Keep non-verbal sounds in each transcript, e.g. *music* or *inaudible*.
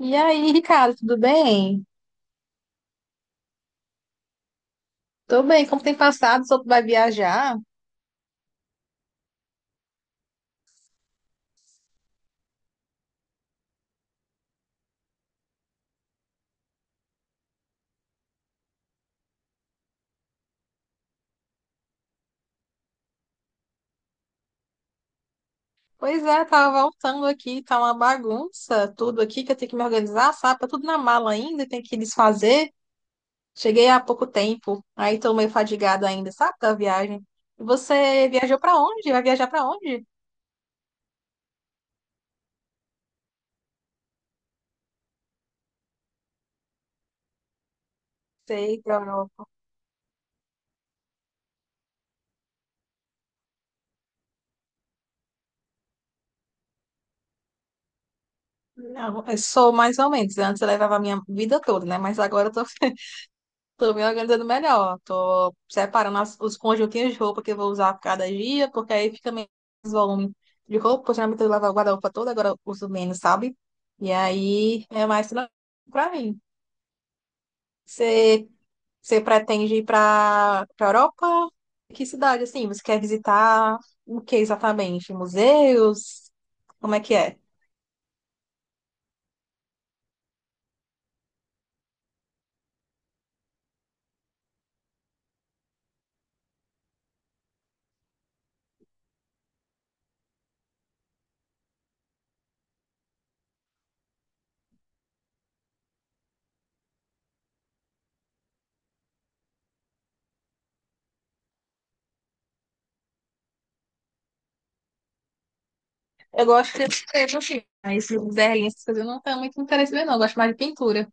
E aí, Ricardo, tudo bem? Tô bem, como tem passado? Só tu vai viajar? Pois é, tava voltando aqui, tá uma bagunça, tudo aqui que eu tenho que me organizar, sabe? Tá tudo na mala ainda, tem que desfazer. Cheguei há pouco tempo, aí tô meio fadigado ainda, sabe, da viagem. E você viajou pra onde? Vai viajar pra onde? Sei, pra Europa. Não, eu sou mais ou menos. Antes eu levava a minha vida toda, né? Mas agora eu tô *laughs* tô me organizando melhor. Tô separando os conjuntinhos de roupa que eu vou usar por cada dia, porque aí fica menos volume de roupa. Porque Geralmente eu lavo a guarda-roupa toda, agora eu uso menos, sabe? E aí é mais tranquilo pra mim. Você, você pretende ir pra Europa? Que cidade, assim? Você quer visitar o que exatamente? Museus? Como é que é? Eu gosto de escrever, assim, mas Berlim, essas coisas eu não tenho muito interesse em ver, não. Eu gosto mais de pintura.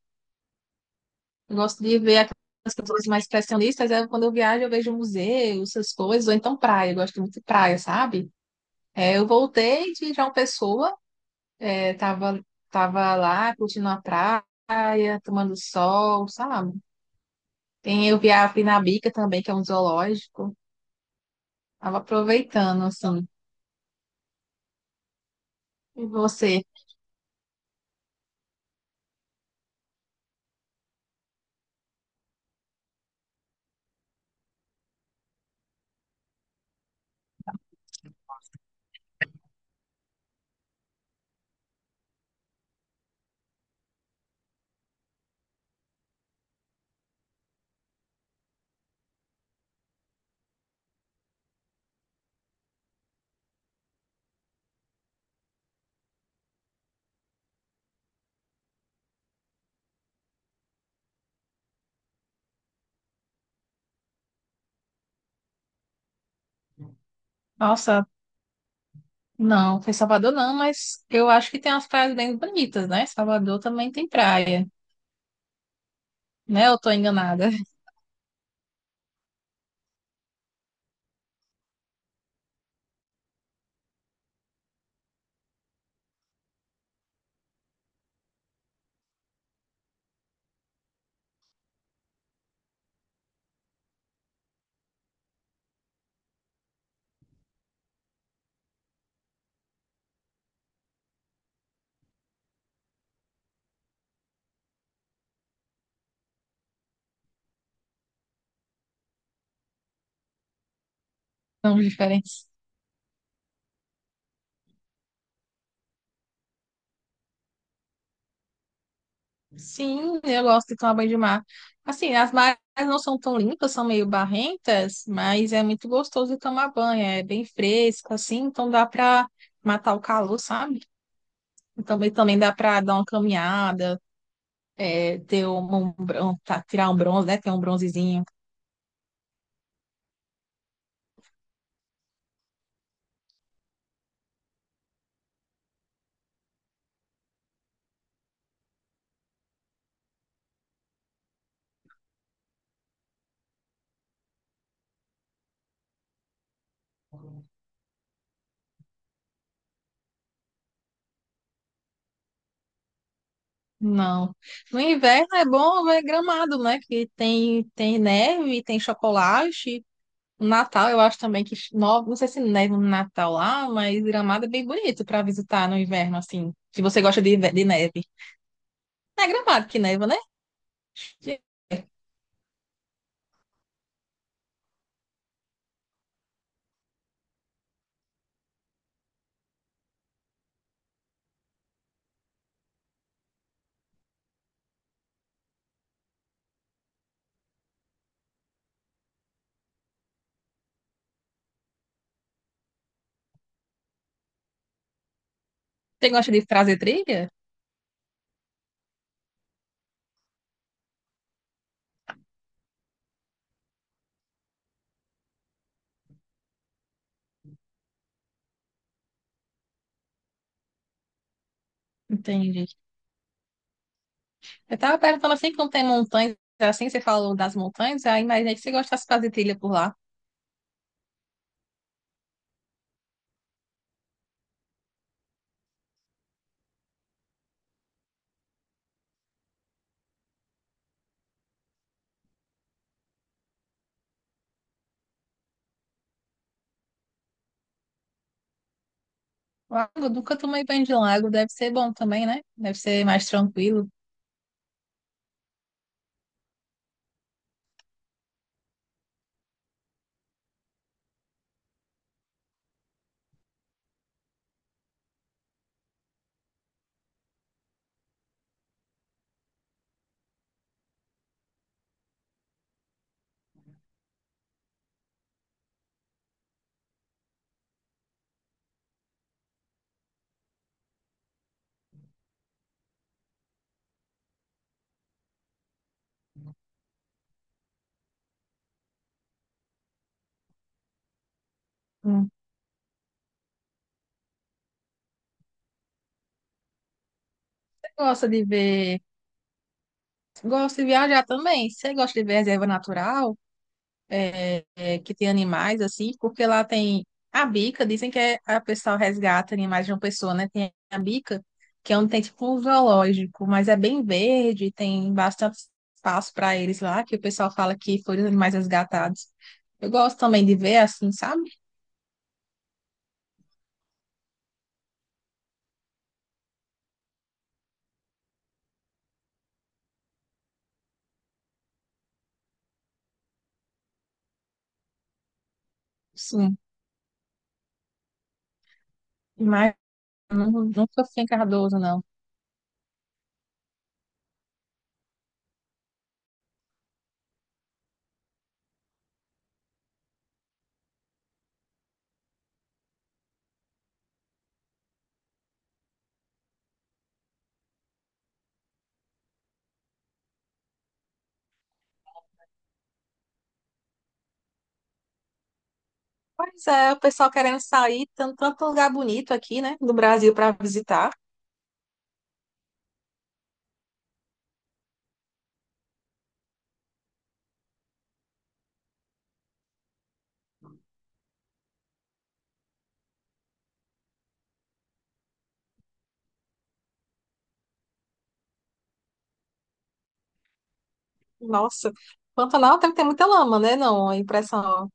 Eu gosto de ver aquelas pessoas mais expressionistas. É quando eu viajo, eu vejo museus, essas coisas, ou então praia. Eu gosto muito de praia, sabe? É, eu voltei de João Pessoa, é, tava, tava lá curtindo a praia, tomando sol, sabe? Tem, eu vi a Pinabica também, que é um zoológico. Tava aproveitando, assim. E você? Nossa, não, foi Salvador não, mas eu acho que tem umas praias bem bonitas, né? Salvador também tem praia, né? Eu tô enganada, *laughs* não diferente. Sim, eu gosto de tomar banho de mar. Assim, as marés não são tão limpas, são meio barrentas, mas é muito gostoso de tomar banho. É bem fresco, assim, então dá para matar o calor, sabe? E também, também dá para dar uma caminhada, é, ter tá, tirar um bronze, né? Ter um bronzezinho. Não. No inverno é bom ver Gramado, né? Que tem, tem neve, tem chocolate. O Natal, eu acho também que, não sei se neva no Natal lá, mas Gramado é bem bonito para visitar no inverno, assim, se você gosta de, de neve. Não é Gramado que neva, né? Você gosta de trazer trilha? Entendi. Eu tava perguntando assim, como tem montanhas, assim, você falou das montanhas, aí imaginei que você gostasse de fazer trilha por lá. Lago, nunca tomei banho de lago, deve ser bom também, né? Deve ser mais tranquilo. Hum. Você gosta de ver. Gosto de viajar também. Você gosta de ver reserva natural? Que tem animais, assim, porque lá tem a bica, dizem que é, a pessoa resgata animais de uma pessoa, né? Tem a bica, que é onde tem tipo um zoológico, mas é bem verde, tem bastante espaço para eles lá, que o pessoal fala que foram os animais resgatados. Eu gosto também de ver assim, sabe? Sim, mas eu nunca fui em Cardoso, não. Pois é, o pessoal querendo sair, tanto, tanto lugar bonito aqui, né, do Brasil para visitar. Nossa, Pantanal tem que ter muita lama, né? Não, a impressão.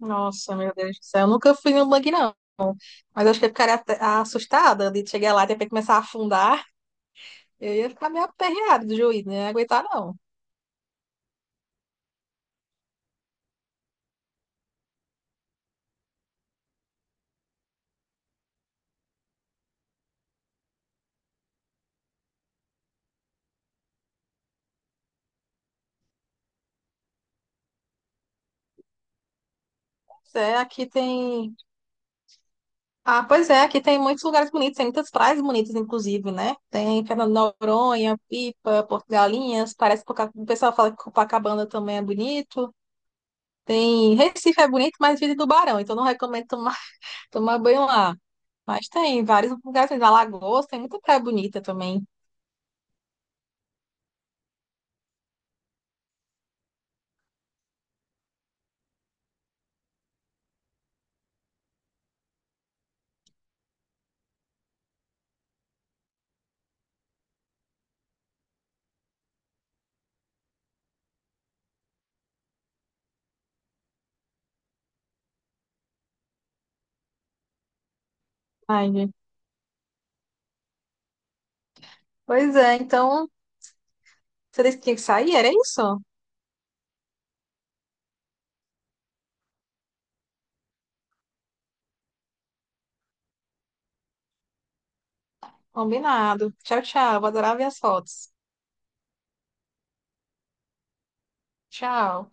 Nossa, meu Deus do céu, eu nunca fui no bug, não. Mas acho que eu ficaria assustada de chegar lá e ter que começar a afundar. Eu ia ficar meio aperreada do juiz, né? Não ia aguentar, não. Pois é, aqui tem. Ah, pois é, aqui tem muitos lugares bonitos, tem muitas praias bonitas, inclusive, né? Tem Fernando de Noronha, Pipa, Porto Galinhas, parece que o pessoal fala que Copacabana também é bonito. Tem Recife é bonito, mas vive tubarão, então não recomendo tomar, *laughs* tomar banho lá. Mas tem vários lugares, tem Alagoas, tem muita praia bonita também. Ai, gente. Pois é, então você disse que tinha que sair? Era isso? Combinado. Tchau, tchau. Vou adorar ver as fotos. Tchau.